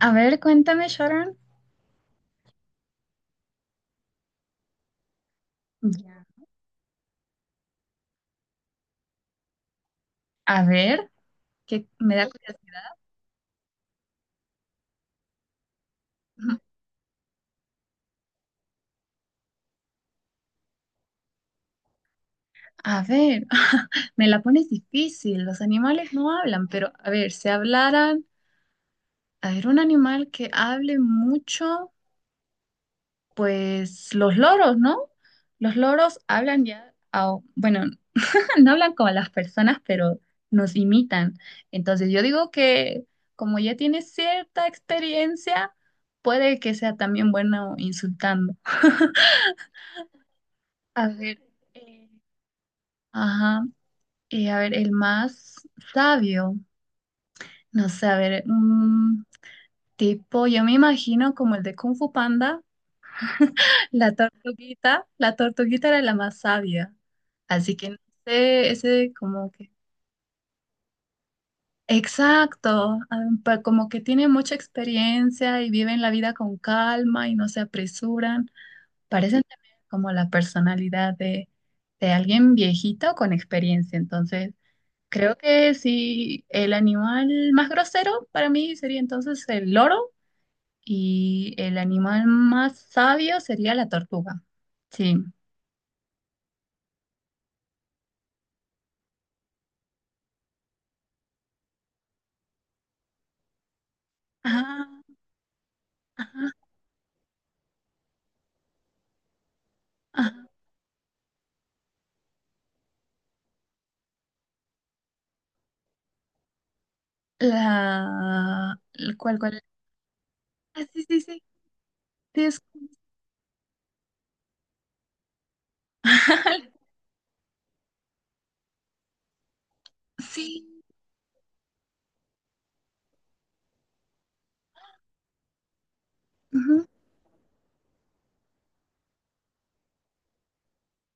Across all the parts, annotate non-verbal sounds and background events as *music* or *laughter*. A ver, cuéntame, Sharon. Ya. A ver, que me da Pues, curiosidad. Ujú. A ver, *laughs* me la pones difícil. Los animales no hablan, pero a ver, si hablaran, a ver, un animal que hable mucho, pues los loros, ¿no? Los loros hablan ya, bueno, *laughs* no hablan como las personas, pero nos imitan. Entonces yo digo que como ya tiene cierta experiencia, puede que sea también bueno insultando. *laughs* A ver, eh, ajá, a ver, el más sabio, no sé, a ver, un tipo, yo me imagino como el de Kung Fu Panda, la tortuguita era la más sabia, así que no sé, ese como que, exacto, como que tiene mucha experiencia y viven la vida con calma y no se apresuran, parecen también como la personalidad de alguien viejito con experiencia, entonces. Creo que sí, el animal más grosero para mí sería entonces el loro y el animal más sabio sería la tortuga. Sí. Ajá, ajá, ajá. La... ¿Cuál, cuál? Ah, sí, sí, sí. Sí, es- *laughs* sí. Ujú.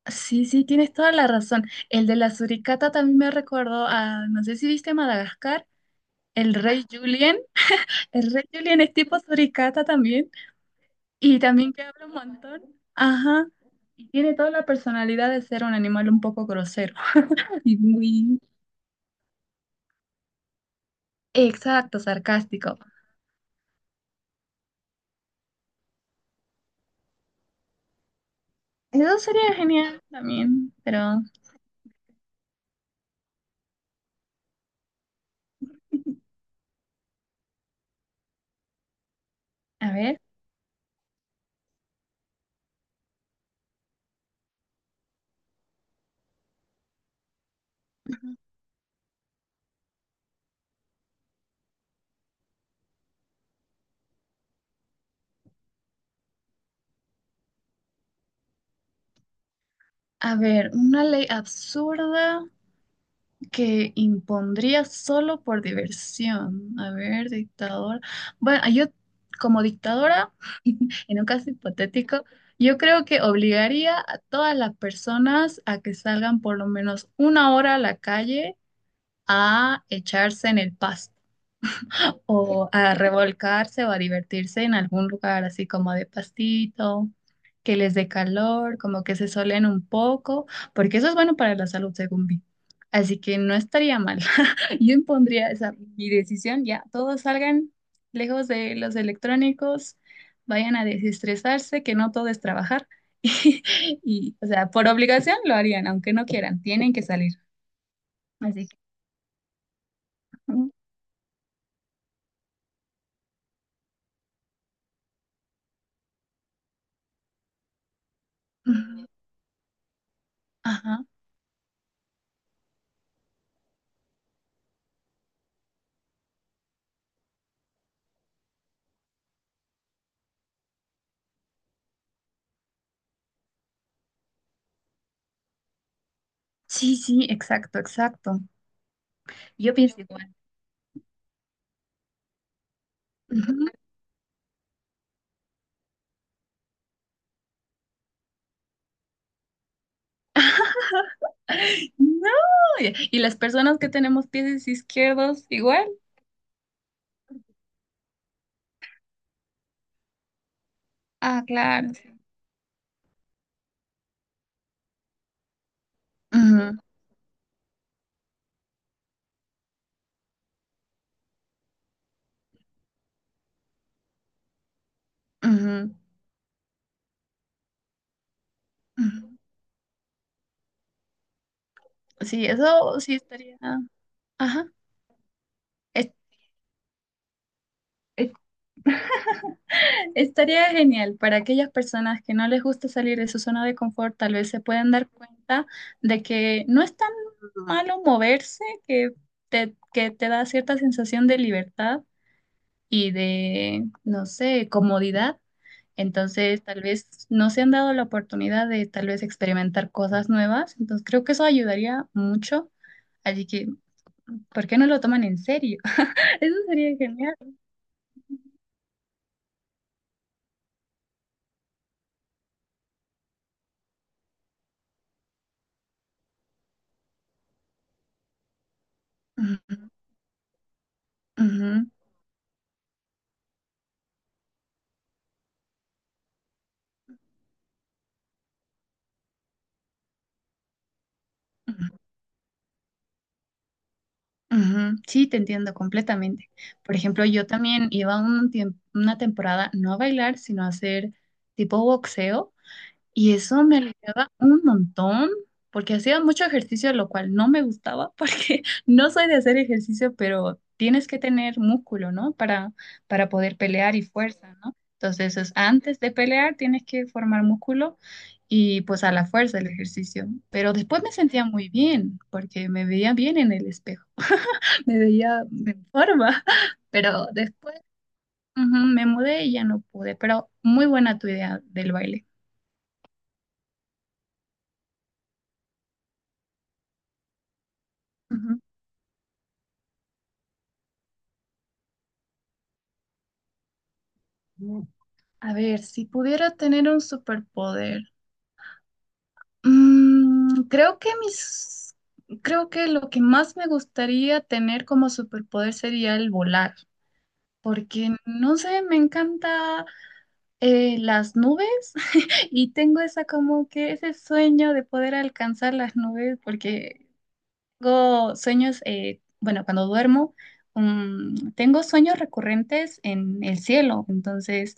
Sí, sí, tienes toda la razón. El de la suricata también me recordó a, no sé si viste Madagascar, el rey Julien. *laughs* El rey Julien es tipo suricata también. Y también que habla un montón. Ajá. Y tiene toda la personalidad de ser un animal un poco grosero *laughs* y muy exacto, sarcástico. Eso sería genial también, pero a ver, a ver, una ley absurda que impondría solo por diversión. A ver, dictador. Bueno, yo como dictadora, en un caso hipotético, yo creo que obligaría a todas las personas a que salgan por lo menos una hora a la calle a echarse en el pasto o a revolcarse o a divertirse en algún lugar así como de pastito, que les dé calor, como que se solen un poco, porque eso es bueno para la salud, según vi. Así que no estaría mal. *laughs* Yo impondría esa mi decisión, ya, todos salgan lejos de los electrónicos, vayan a desestresarse, que no todo es trabajar. *laughs* Y, o sea, por obligación lo harían, aunque no quieran, tienen que salir. Así que, mm, ajá. Sí, sí, exacto, exacto. Yo pienso igual. Ujú. *laughs* No, y las personas que tenemos pies izquierdos igual. Ah, claro, sí. Ujú, ujú, ujú. Sí, eso sí estaría. Ajá. Es- es- Estaría genial para aquellas personas que no les gusta salir de su zona de confort, tal vez se puedan dar cuenta de que no es tan malo moverse, que te da cierta sensación de libertad y de, no sé, comodidad. Entonces, tal vez no se han dado la oportunidad de tal vez experimentar cosas nuevas. Entonces, creo que eso ayudaría mucho. Así que, ¿por qué no lo toman en serio? *laughs* Eso sería genial. Ujú, ujú, ujú, ujú. Sí, te entiendo completamente. Por ejemplo, yo también iba un una temporada no a bailar, sino a hacer tipo boxeo. Y eso me aliviaba un montón, porque hacía mucho ejercicio, lo cual no me gustaba, *laughs* porque no soy de hacer ejercicio, pero tienes que tener músculo, ¿no? Para poder pelear y fuerza, ¿no? Entonces, es antes de pelear tienes que formar músculo y pues a la fuerza el ejercicio. Pero después me sentía muy bien, porque me veía bien en el espejo, *laughs* me veía en forma, *laughs* pero después ujú, me mudé y ya no pude, pero muy buena tu idea del baile. Ujú. A ver, si pudiera tener un superpoder, mm, creo que mis, creo que lo que más me gustaría tener como superpoder sería el volar, porque no sé, me encanta las nubes *laughs* y tengo esa como que ese sueño de poder alcanzar las nubes, porque tengo sueños, bueno, cuando duermo, tengo sueños recurrentes en el cielo, entonces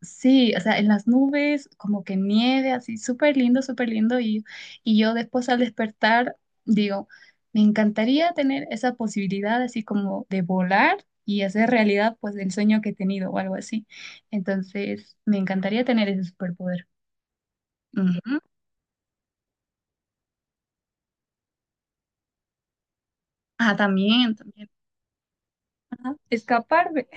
sí, o sea, en las nubes, como que nieve, así, súper lindo, súper lindo. Y yo después al despertar digo, me encantaría tener esa posibilidad así como de volar y hacer realidad pues el sueño que he tenido o algo así. Entonces, me encantaría tener ese superpoder. Ujú. Ah, también, también. Ajá, escaparme.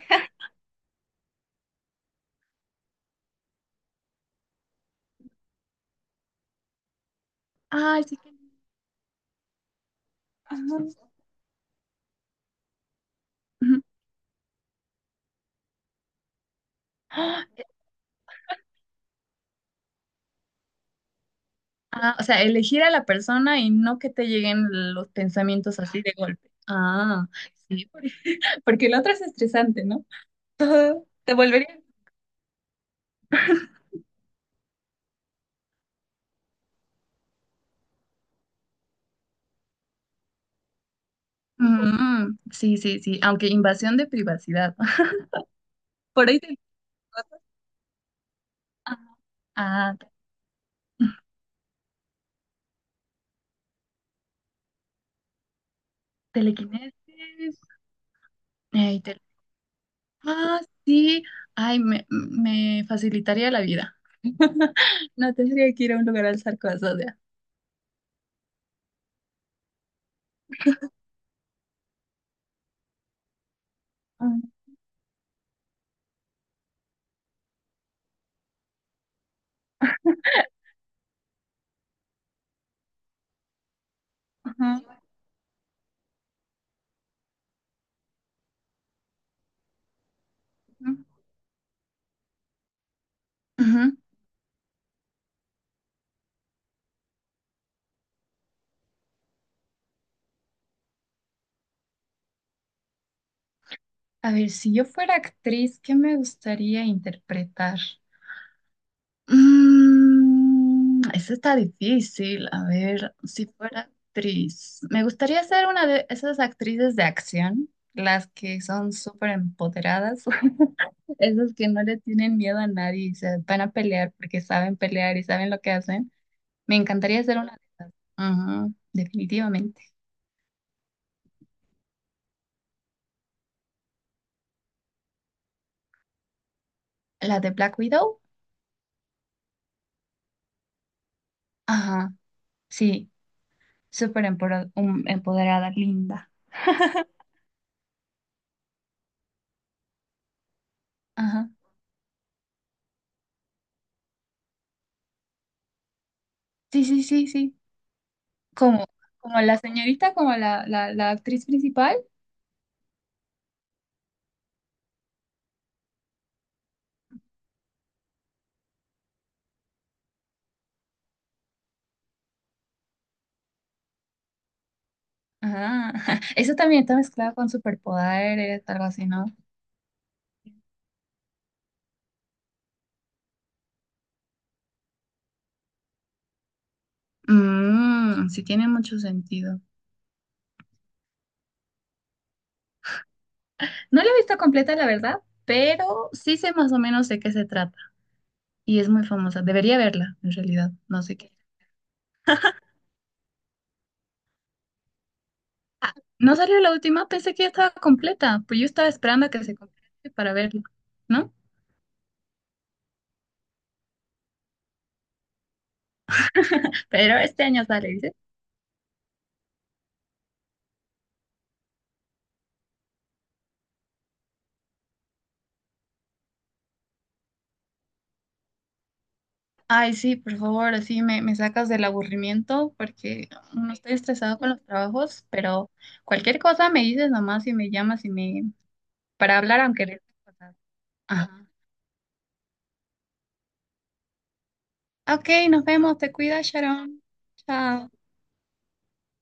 Ay, sí que... no. Ajá, ujú. Ah, o sea, elegir a la persona y no que te lleguen los pensamientos así de golpe. Ah. Sí, porque la otra es estresante, ¿no? *laughs* Todo te volvería. Mm, sí, sí, sí, aunque invasión de privacidad. *laughs* Por ahí te... Ah, ah, ok. Telequinesis. Ay, ah, sí. Ay, me facilitaría la vida. No tendría que ir a un lugar a alzar cosas ya. Ah, ajá, ujú. A ver, si yo fuera actriz, ¿qué me gustaría interpretar? Mm, eso está difícil. A ver, si fuera actriz. Me gustaría ser una de esas actrices de acción, las que son súper empoderadas, *laughs* esas que no le tienen miedo a nadie y se van a pelear porque saben pelear y saben lo que hacen. Me encantaría ser una. Ajá, definitivamente. La de Black Widow. Ajá, sí, súper empoderada, linda. Ajá, sí, sí, sí, sí. Como, como la señorita, como la actriz principal. Ah, *laughs* eso también está mezclado con superpoderes, algo así, ¿no? Mm, sí tiene mucho sentido. No la he visto completa, la verdad, pero sí sé más o menos de qué se trata. Y es muy famosa. Debería verla, en realidad. No sé qué. Ah, no salió la última, pensé que ya estaba completa. Pues yo estaba esperando a que se complete para verla, ¿no? Pero este año sale, ay, sí, por favor, así me sacas del aburrimiento porque no estoy estresado con los trabajos, pero cualquier cosa me dices nomás y me llamas y me para hablar aunque otras cosas. Ajá. Ok, nos vemos, te cuidas, Sharon. Chao.